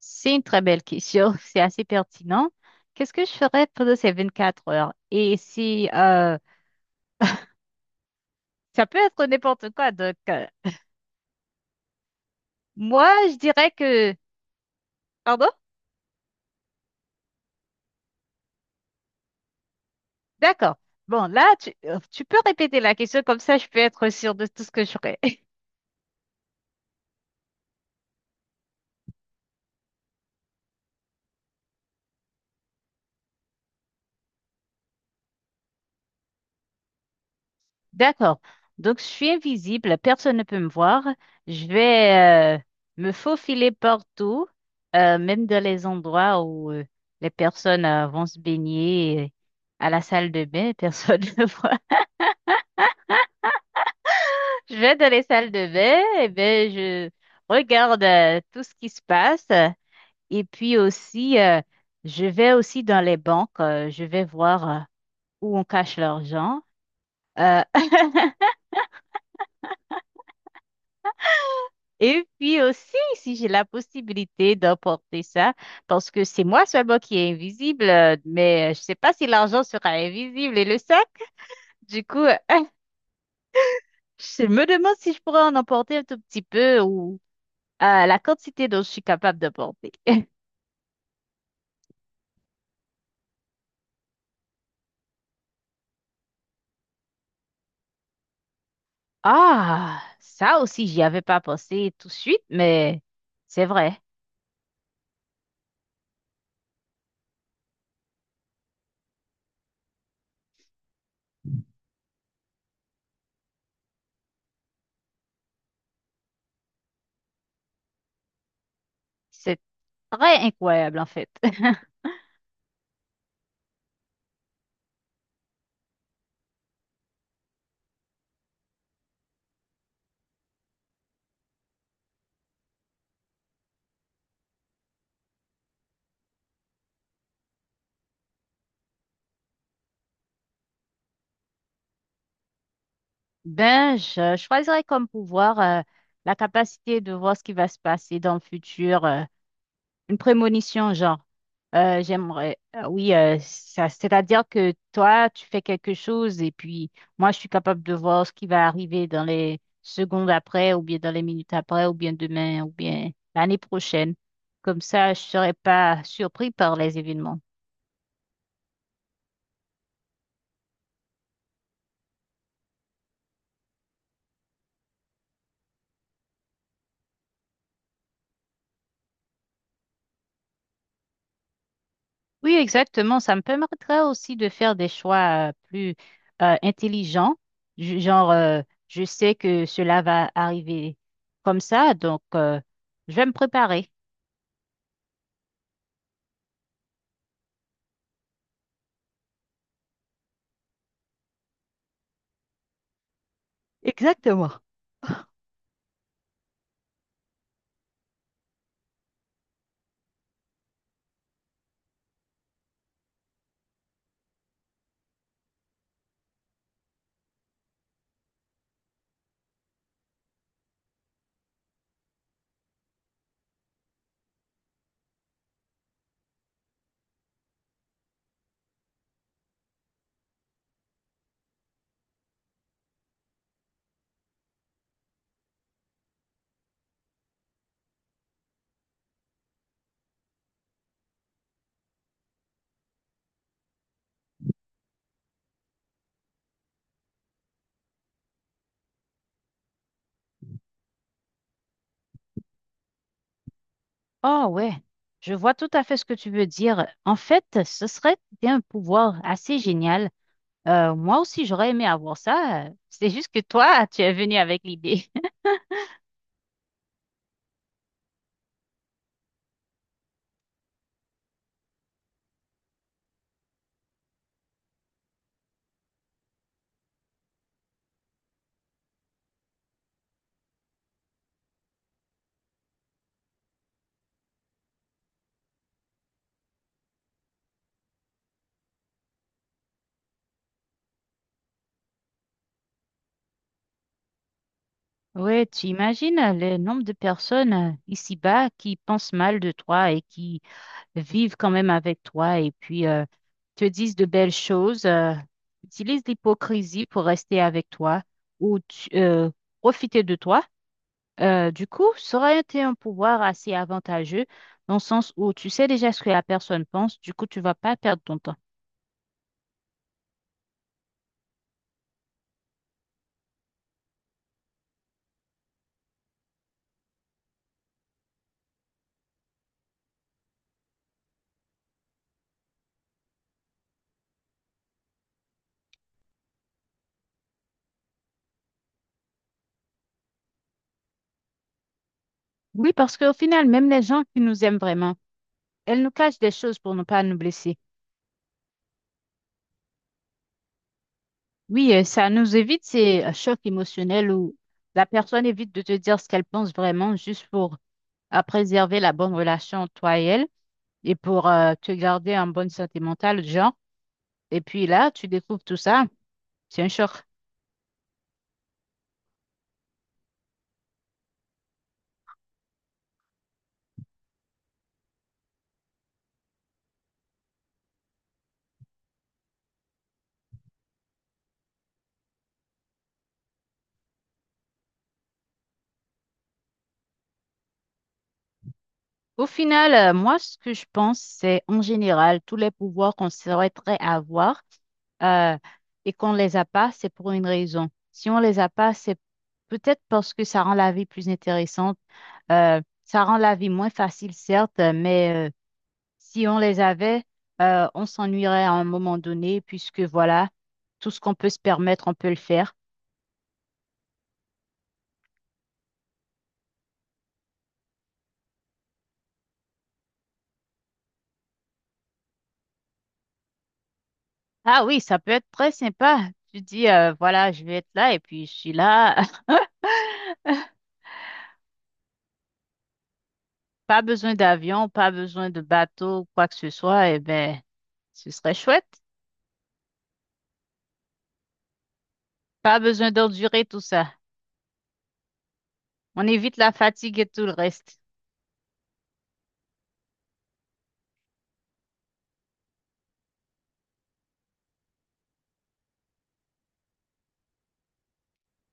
C'est une très belle question, c'est assez pertinent. Qu'est-ce que je ferais pendant ces 24 heures? Et si ça peut être n'importe quoi, moi je dirais que... Pardon? D'accord. Bon, là, tu peux répéter la question, comme ça je peux être sûre de tout ce que je ferais. D'accord. Donc je suis invisible, personne ne peut me voir. Je vais me faufiler partout, même dans les endroits où les personnes vont se baigner. À la salle de bain, personne ne voit. Je vais dans les salles de bain, et ben je regarde tout ce qui se passe. Et puis aussi, je vais aussi dans les banques, je vais voir où on cache l'argent. euh, et puis aussi, si j'ai la possibilité d'emporter ça, parce que c'est moi seulement qui est invisible, mais je sais pas si l'argent sera invisible et le sac. Du coup, je me demande si je pourrais en emporter un tout petit peu ou la quantité dont je suis capable d'emporter. Ah, ça aussi, j'y avais pas pensé tout de suite, mais c'est vrai. C'est très incroyable, en fait. Ben, je choisirais comme pouvoir la capacité de voir ce qui va se passer dans le futur. Une prémonition, genre, j'aimerais, oui, ça, c'est-à-dire que toi, tu fais quelque chose et puis moi, je suis capable de voir ce qui va arriver dans les secondes après, ou bien dans les minutes après, ou bien demain, ou bien l'année prochaine. Comme ça, je serais pas surpris par les événements. Oui, exactement. Ça me permettrait aussi de faire des choix plus intelligents. Genre, je sais que cela va arriver comme ça, donc je vais me préparer. Exactement. Oh ouais, je vois tout à fait ce que tu veux dire. En fait, ce serait un pouvoir assez génial. Moi aussi, j'aurais aimé avoir ça. C'est juste que toi, tu es venu avec l'idée. Ouais, tu imagines le nombre de personnes ici-bas qui pensent mal de toi et qui vivent quand même avec toi et puis te disent de belles choses, utilisent l'hypocrisie pour rester avec toi ou profiter de toi. Du coup, ça aurait été un pouvoir assez avantageux dans le sens où tu sais déjà ce que la personne pense, du coup, tu vas pas perdre ton temps. Oui, parce qu'au final, même les gens qui nous aiment vraiment, elles nous cachent des choses pour ne pas nous blesser. Oui, ça nous évite ces chocs émotionnels où la personne évite de te dire ce qu'elle pense vraiment juste pour préserver la bonne relation entre toi et elle et pour te garder en bonne santé mentale, genre. Et puis là, tu découvres tout ça, c'est un choc. Au final, moi, ce que je pense, c'est en général, tous les pouvoirs qu'on souhaiterait avoir euh, et qu'on ne les a pas, c'est pour une raison. Si on ne les a pas, c'est peut-être parce que ça rend la vie plus intéressante. Ça rend la vie moins facile, certes, mais si on les avait, on s'ennuierait à un moment donné, puisque voilà, tout ce qu'on peut se permettre, on peut le faire. Ah oui, ça peut être très sympa. Tu dis, voilà, je vais être là et puis je suis là. Pas besoin d'avion, pas besoin de bateau, quoi que ce soit, eh ben, ce serait chouette. Pas besoin d'endurer tout ça. On évite la fatigue et tout le reste.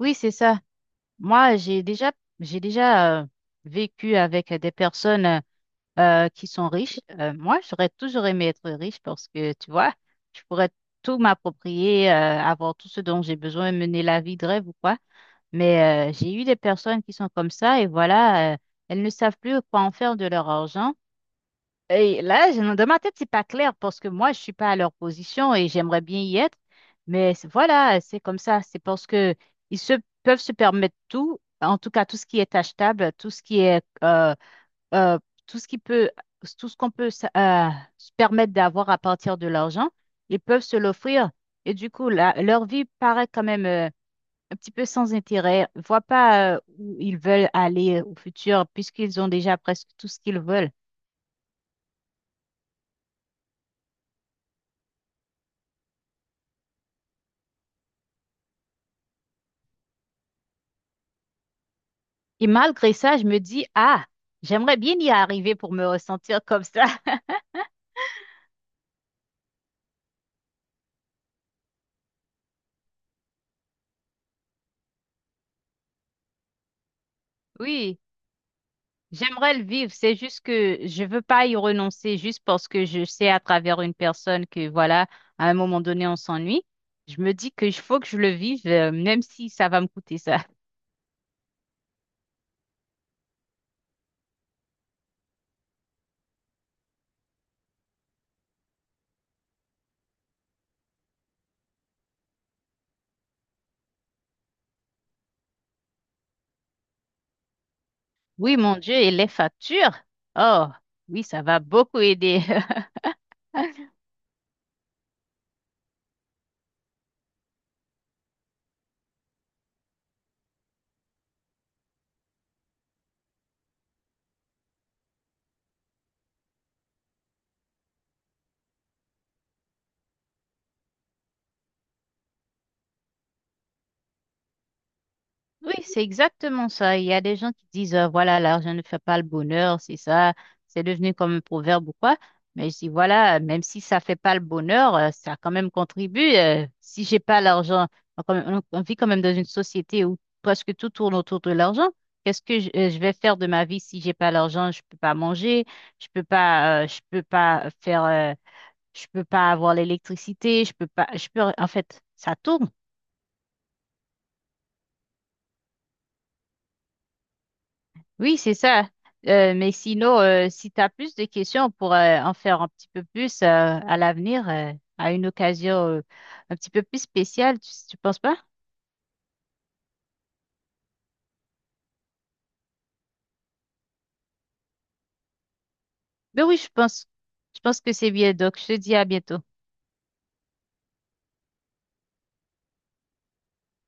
Oui, c'est ça. Moi, j'ai déjà vécu avec des personnes qui sont riches. Moi, j'aurais toujours aimé être riche parce que, tu vois, je pourrais tout m'approprier, avoir tout ce dont j'ai besoin, mener la vie de rêve ou quoi. Mais j'ai eu des personnes qui sont comme ça et voilà, elles ne savent plus quoi en faire de leur argent. Et là, dans ma tête, c'est pas clair parce que moi, je suis pas à leur position et j'aimerais bien y être. Mais voilà, c'est comme ça. C'est parce que ils se peuvent se permettre tout, en tout cas tout ce qui est achetable, tout ce qui est, euh, tout ce qui peut, tout ce qu'on peut se permettre d'avoir à partir de l'argent, ils peuvent se l'offrir. Et du coup, leur vie paraît quand même un petit peu sans intérêt. Ils voient pas où ils veulent aller au futur puisqu'ils ont déjà presque tout ce qu'ils veulent. Et malgré ça, je me dis, ah, j'aimerais bien y arriver pour me ressentir comme ça. Oui, j'aimerais le vivre. C'est juste que je veux pas y renoncer juste parce que je sais à travers une personne que, voilà, à un moment donné, on s'ennuie. Je me dis qu'il faut que je le vive, même si ça va me coûter ça. Oui, mon Dieu, et les factures. Oh, oui, ça va beaucoup aider. Oui, c'est exactement ça. Il y a des gens qui disent, voilà, l'argent ne fait pas le bonheur, c'est ça, c'est devenu comme un proverbe ou quoi. Mais je dis, voilà, même si ça fait pas le bonheur, ça quand même contribue. Si j'ai pas l'argent, on, quand même- on vit quand même dans une société où presque tout tourne autour de l'argent. Qu'est-ce que je vais faire de ma vie si j'ai pas l'argent? Je peux pas manger, je peux pas faire, je peux pas avoir l'électricité, je peux pas, je peux, en fait, ça tourne. Oui, c'est ça. Mais sinon, si tu as plus de questions, on pourrait en faire un petit peu plus à l'avenir, à une occasion un petit peu plus spéciale, tu penses pas? Mais oui, je pense que c'est bien. Donc, je te dis à bientôt.